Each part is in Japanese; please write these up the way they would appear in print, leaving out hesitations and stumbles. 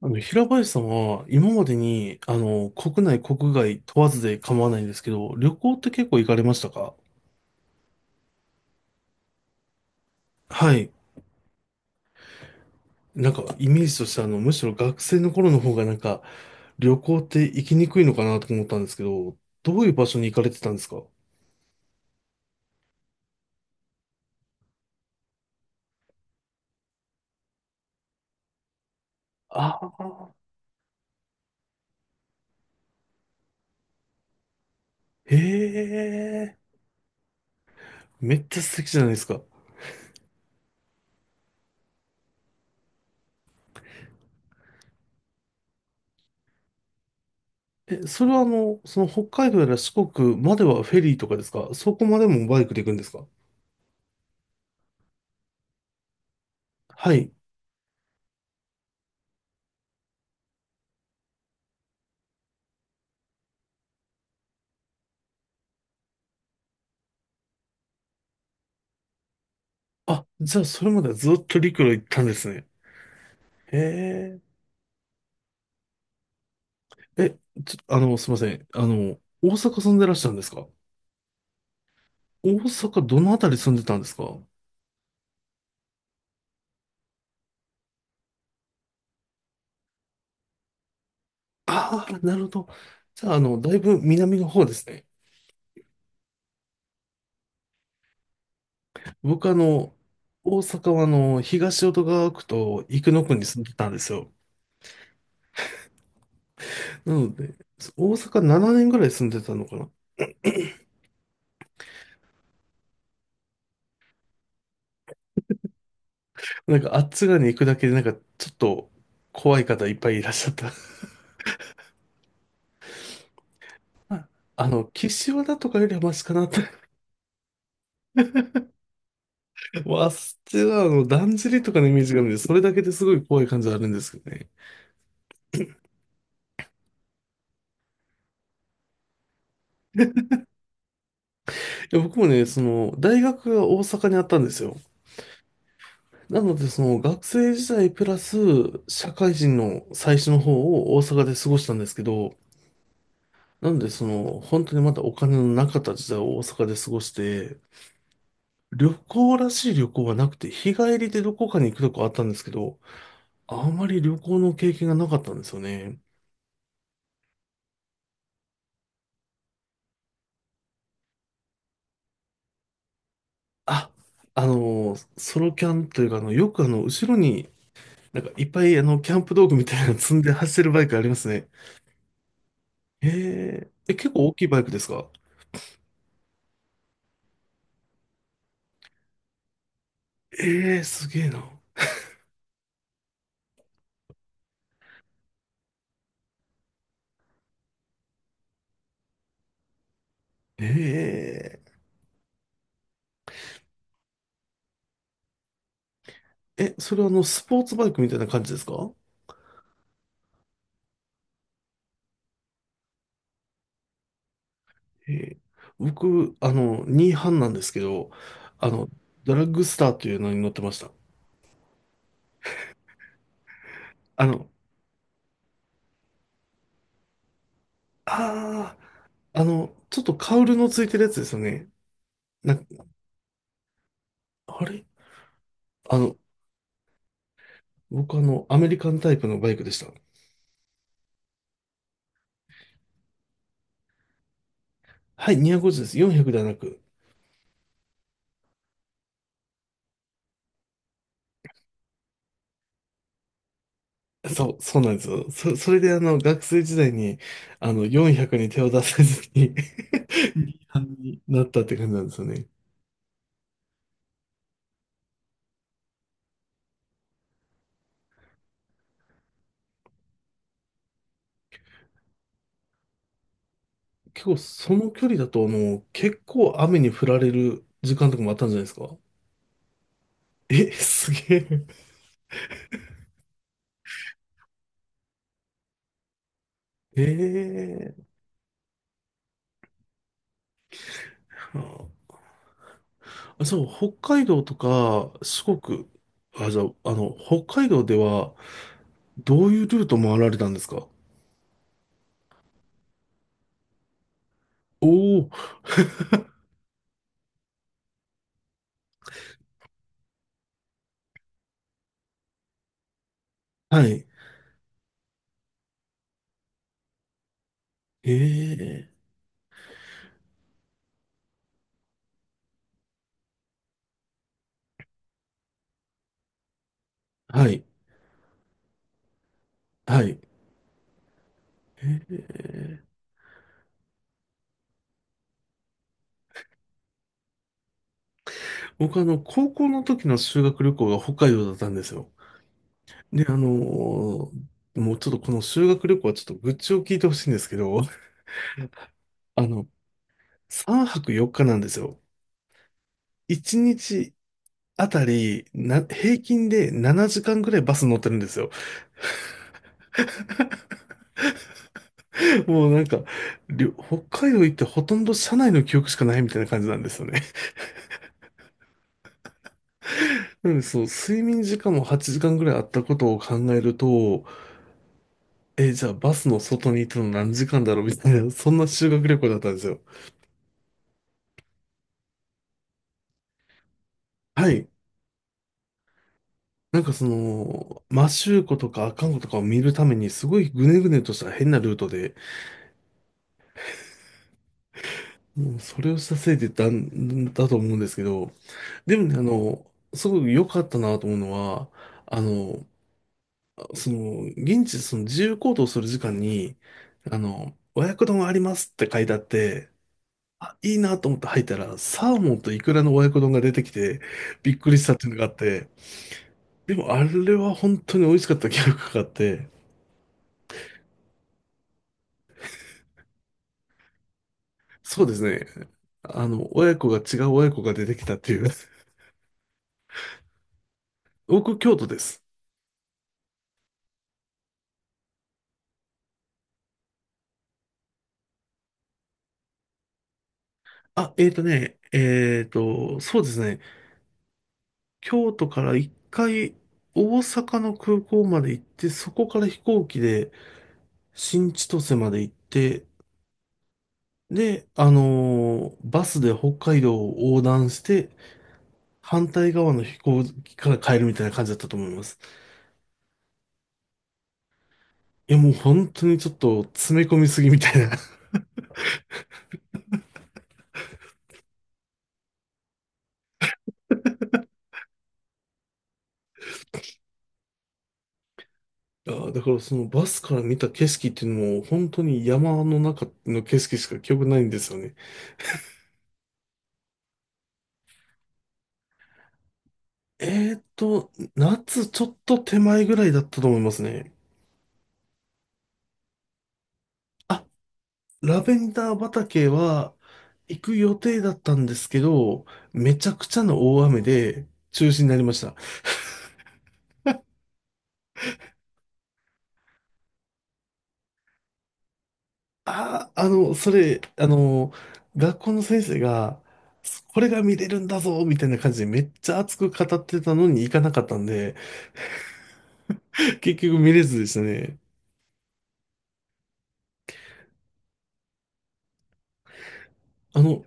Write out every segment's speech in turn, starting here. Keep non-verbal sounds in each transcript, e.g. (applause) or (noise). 平林さんは今までに、国内、国外問わずで構わないんですけど、旅行って結構行かれましたか？はい。なんか、イメージとしてむしろ学生の頃の方がなんか、旅行って行きにくいのかなと思ったんですけど、どういう場所に行かれてたんですか？ああー。へえ、めっちゃ素敵じゃないですか。え、それはその北海道やら四国まではフェリーとかですか？そこまでもバイクで行くんですか？はい。あ、じゃあそれまではずっと陸路行ったんですね。へえ。え、すいません。大阪住んでらっしゃるんですか？大阪どのあたり住んでたんですか？ああー、なるほど。じゃあ、だいぶ南の方ですね。僕、大阪は、東淀川区と生野区に住んでたんですよ。なので、大阪7年ぐらい住んでたのかな？なんか、あっち側に行くだけで、なんか、ちょっと怖い方いっぱいいらっしゃった。(laughs) あ岸和田とかよりはマシかなと。わあそっはあの、だんじりとかのイメージがあるんで、それだけですごい怖い感じはあるんですけどね。いや、僕もね、大学が大阪にあったんですよ。なので、学生時代プラス、社会人の最初の方を大阪で過ごしたんですけど、なので、本当にまだお金のなかった時代を大阪で過ごして、旅行らしい旅行はなくて、日帰りでどこかに行くとこあったんですけど、あまり旅行の経験がなかったんですよね。あソロキャンというか、よく後ろになんかいっぱいキャンプ道具みたいなの積んで走るバイクありますね。ええ、え、結構大きいバイクですか？ええ、すげえな。ええ、え、それはスポーツバイクみたいな感じですか？ええ、僕、ニーハンなんですけど、あの、ドラッグスターというのに乗ってました。あの、あちょっとカウルのついてるやつですよね。な、あれあの、僕あの、アメリカンタイプのバイクでした。はい、250です。400ではなく。そう、そうなんですよ。それで学生時代に、400に手を出せずに (laughs) う班になったって感じなんですよね。結構、その距離だと、結構雨に降られる時間とかもあったんじゃないですか？え、すげえ。ええ、あ、そう、北海道とか、四国、あ、じゃあ、北海道では、どういうルート回られたんですか？おおー、はい。ええ、はい、はい。ええ、僕高校の時の修学旅行が北海道だったんですよ。で、もうちょっとこの修学旅行はちょっと愚痴を聞いてほしいんですけど、(laughs) あの、3泊4日なんですよ。1日あたり、平均で7時間ぐらいバス乗ってるんですよ。(laughs) もうなんか、りょ北海道行ってほとんど車内の記憶しかないみたいな感じなんですよね。(laughs) なので、そう、睡眠時間も8時間ぐらいあったことを考えると、え、じゃあバスの外にいたの何時間だろうみたいな、そんな修学旅行だったんですよ。はい。なんかその、摩周湖とか阿寒湖とかを見るために、すごいぐねぐねとした変なルートで、もうそれをしたせいでだと思うんですけど、でもね、すごく良かったなと思うのは、あの、現地でその自由行動する時間に、和訳丼ありますって書いてあって、あ、いいなと思って入ったら、サーモンとイクラの和訳丼が出てきて、びっくりしたっていうのがあって、でもあれは本当に美味しかった記憶があって、そうですね。親子が違う親子が出てきたっていう。(laughs) 僕、京都です。あ、えーとね、えーと、そうですね。京都から一回、大阪の空港まで行って、そこから飛行機で新千歳まで行って、で、バスで北海道を横断して、反対側の飛行機から帰るみたいな感じだったと思います。いや、もう本当にちょっと詰め込みすぎみたいな。いやー、だからそのバスから見た景色っていうのも、本当に山の中の景色しか記憶ないんですよね。夏ちょっと手前ぐらいだったと思いますね。あ、ラベンダー畑は行く予定だったんですけど、めちゃくちゃの大雨で中止になりました。ああ、それ、学校の先生が、これが見れるんだぞ、みたいな感じでめっちゃ熱く語ってたのに行かなかったんで、(laughs) 結局見れずでしたね。あの、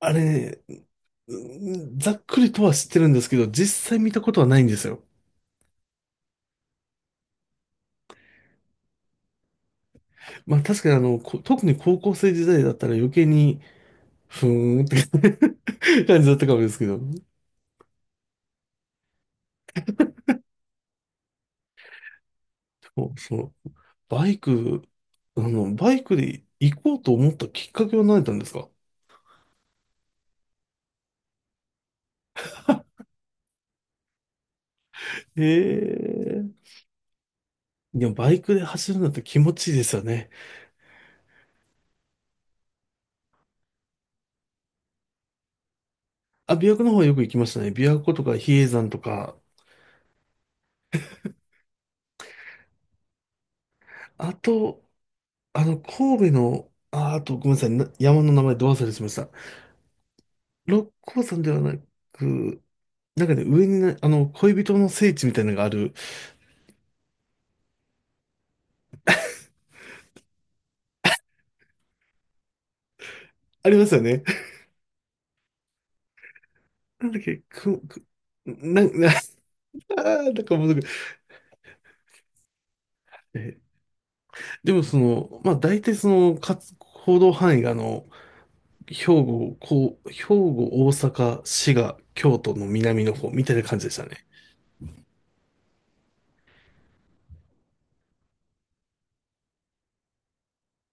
あれね、うん、ざっくりとは知ってるんですけど、実際見たことはないんですよ。まあ確かに特に高校生時代だったら余計に、ふーんって (laughs) 感じだったかもですけど、そうそう、バイク、バイクで行こうと思ったきっかけは何だったんですか？ええー、でもバイクで走るのって気持ちいいですよね。あ、琵琶湖の方はよく行きましたね。琵琶湖とか比叡山とか、あと、神戸の、あ、あとごめんなさい、山の名前ど忘れしました。六甲山ではなく、なんかね、上にね、恋人の聖地みたいなのがありますよね。(laughs) なんだっけ、く、く、な、な、(laughs) なんかもうすぐ、えーでもその、まあ大体その、行動範囲が兵庫、大阪、滋賀、京都の南の方みたいな感じでしたね。